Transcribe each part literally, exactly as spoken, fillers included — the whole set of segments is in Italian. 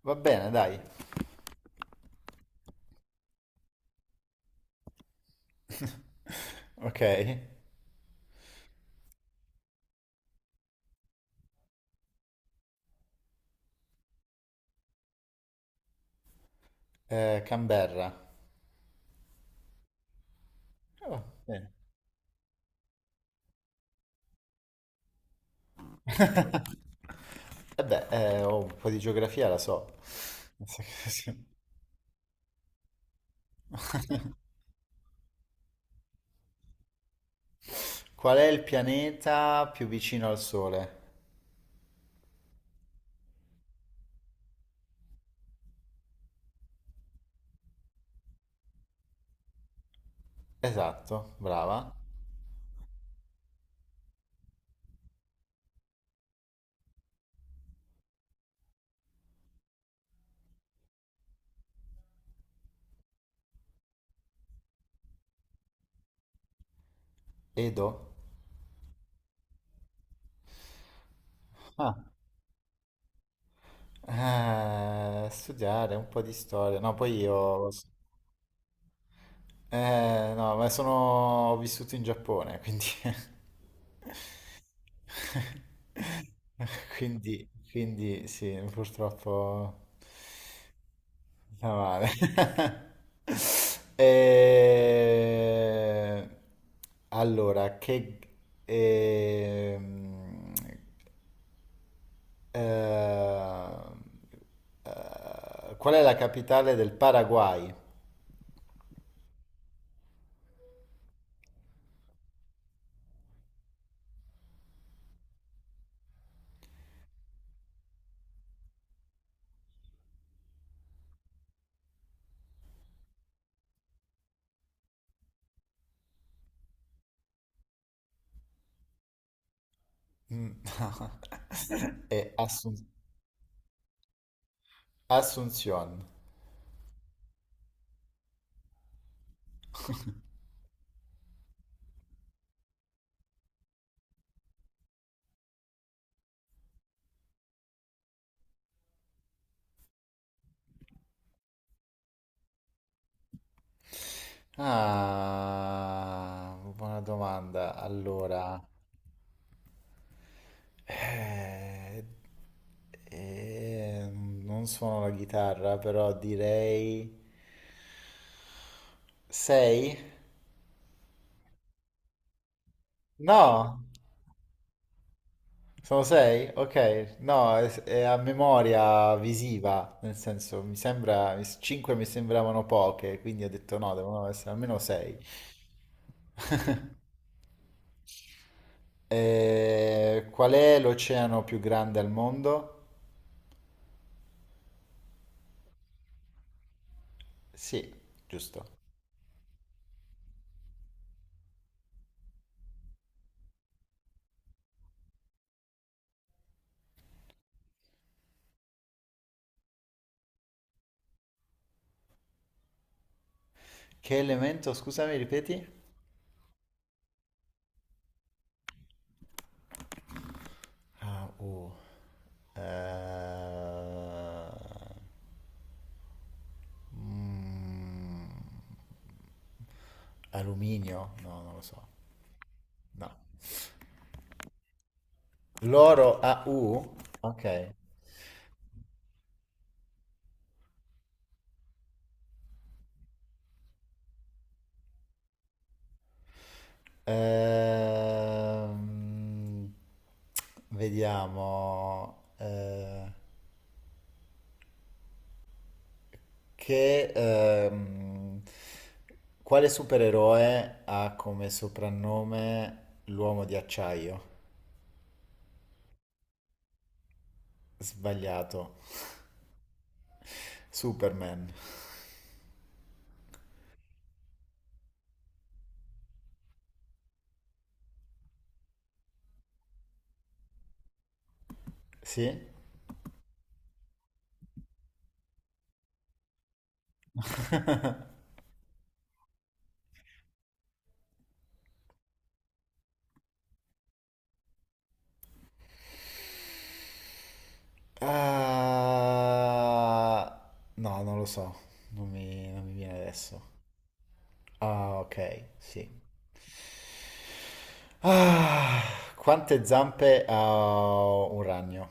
Va bene, dai. Ok. Eh, Canberra. Ah, va bene. Eh beh, eh, oh, un po' di geografia la so. Qual è il pianeta più vicino al Sole? Esatto, brava. Edo. Ah, eh, studiare un po' di storia. No, poi io... Eh, no, ma sono... ho vissuto in Giappone, quindi... Quindi, quindi sì, purtroppo... Cavale. Eh, Allora, che... ehm, eh, eh, qual è la capitale del Paraguay? Mm. È Assun- Asunción. Ah, buona domanda. Allora, eh, eh, non suono la chitarra, però direi... Sei? No, sono sei? Ok, no, è, è a memoria visiva, nel senso mi sembra, cinque mi sembravano poche, quindi ho detto no, devono essere almeno sei. Eh, qual è l'oceano più grande al mondo? Sì, giusto. Che elemento, scusami, ripeti? Ah, uh. Eh, mm, Alluminio? No, non lo so. No. Loro A U? Ok. Ehm, Vediamo. eh, che, ehm, Quale supereroe ha come soprannome l'uomo di acciaio? Sbagliato. Superman. Sì? Ah, no, non lo so. Non mi, non mi viene adesso. Ah, ok, sì. Ah, quante zampe ha un ragno?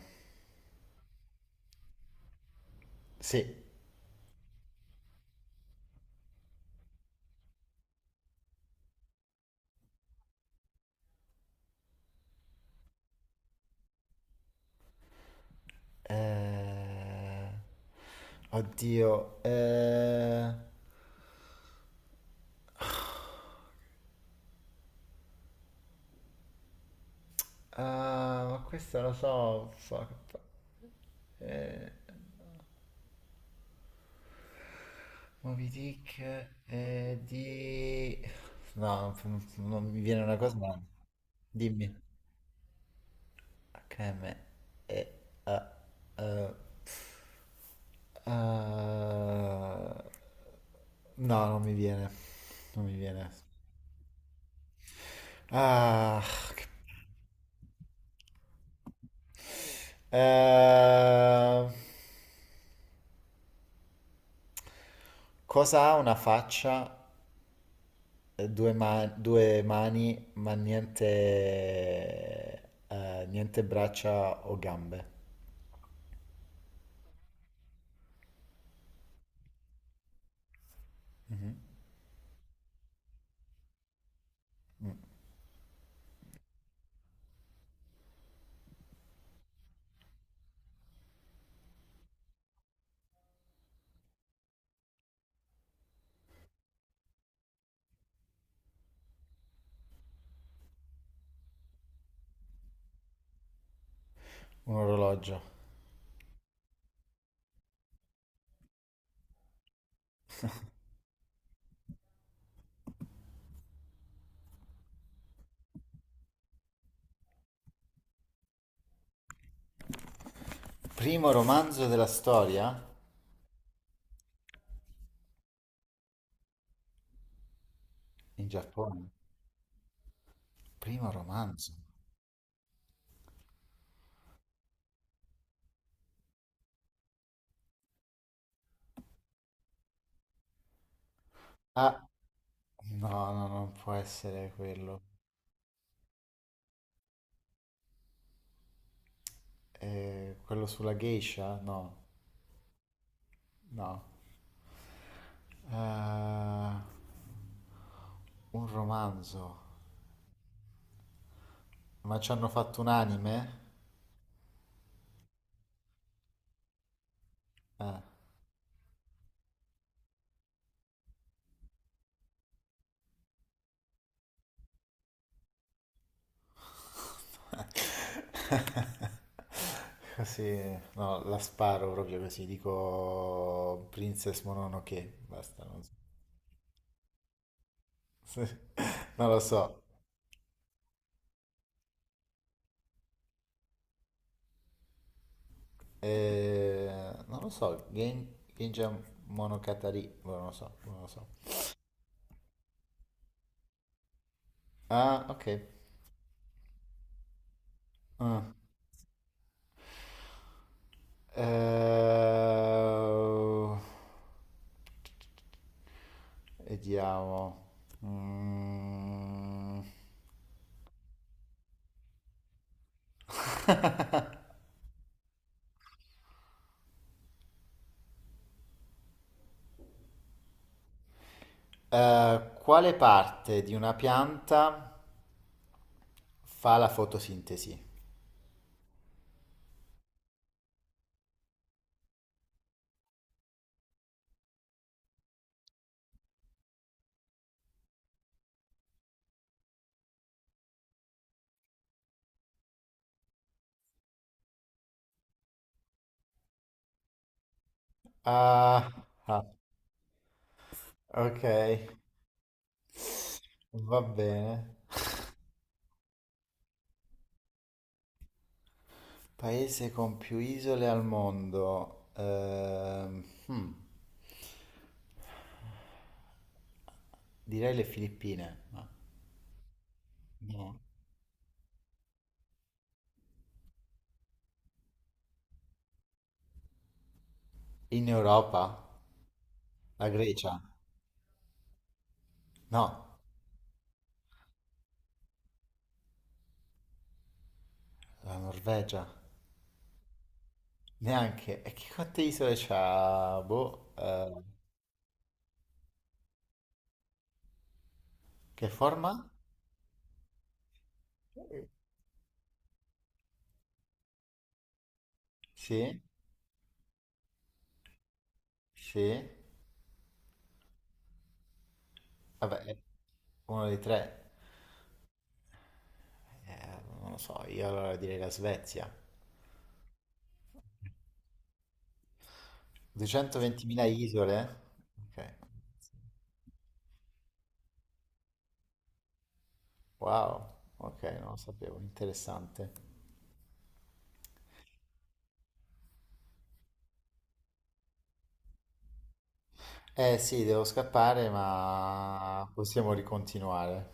Sì. Eh, oddio. Eh, ah, ma questo lo so. Fuck. Eh, Moby Dick eh, di... No, non, non mi viene una cosa. ma- Dimmi. H M e eh, eh, eh, no, non mi viene. Non mi viene. Ah, che- eh, cosa ha una faccia, eh, due, ma- due mani, ma niente, eh, niente braccia o gambe? Mhm. Un orologio. Primo romanzo della storia? In Giappone. Primo romanzo. Ah, no, no, non può essere quello. Eh, quello sulla geisha? No, no. Eh, un romanzo. Ma ci hanno fatto un anime? Eh, Così, no, la sparo proprio così. Dico Princess Mononoke. Basta, non so. Non lo so. Eh, non lo so. Gen- Genja Monogatari. Boh, non lo so, non lo so. Ah, ok. Ah. Eh, Vediamo. Mm. Eh, quale parte di una pianta fa la fotosintesi? Ah, ah, ok. Va bene. Paese con più isole al mondo. Ehm, hmm, direi le Filippine. Ma no. In Europa? La Grecia? No, la Norvegia. Neanche. E che quante isole c'ha? Boh. Eh, che forma? Sì, sì, vabbè, è uno dei tre. Eh, non lo so, io allora direi la Svezia. duecentoventimila isole? Ok, wow, ok, non lo sapevo, interessante. Eh sì, devo scappare, ma possiamo ricontinuare.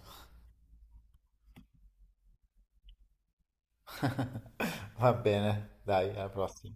Va bene, dai, alla prossima.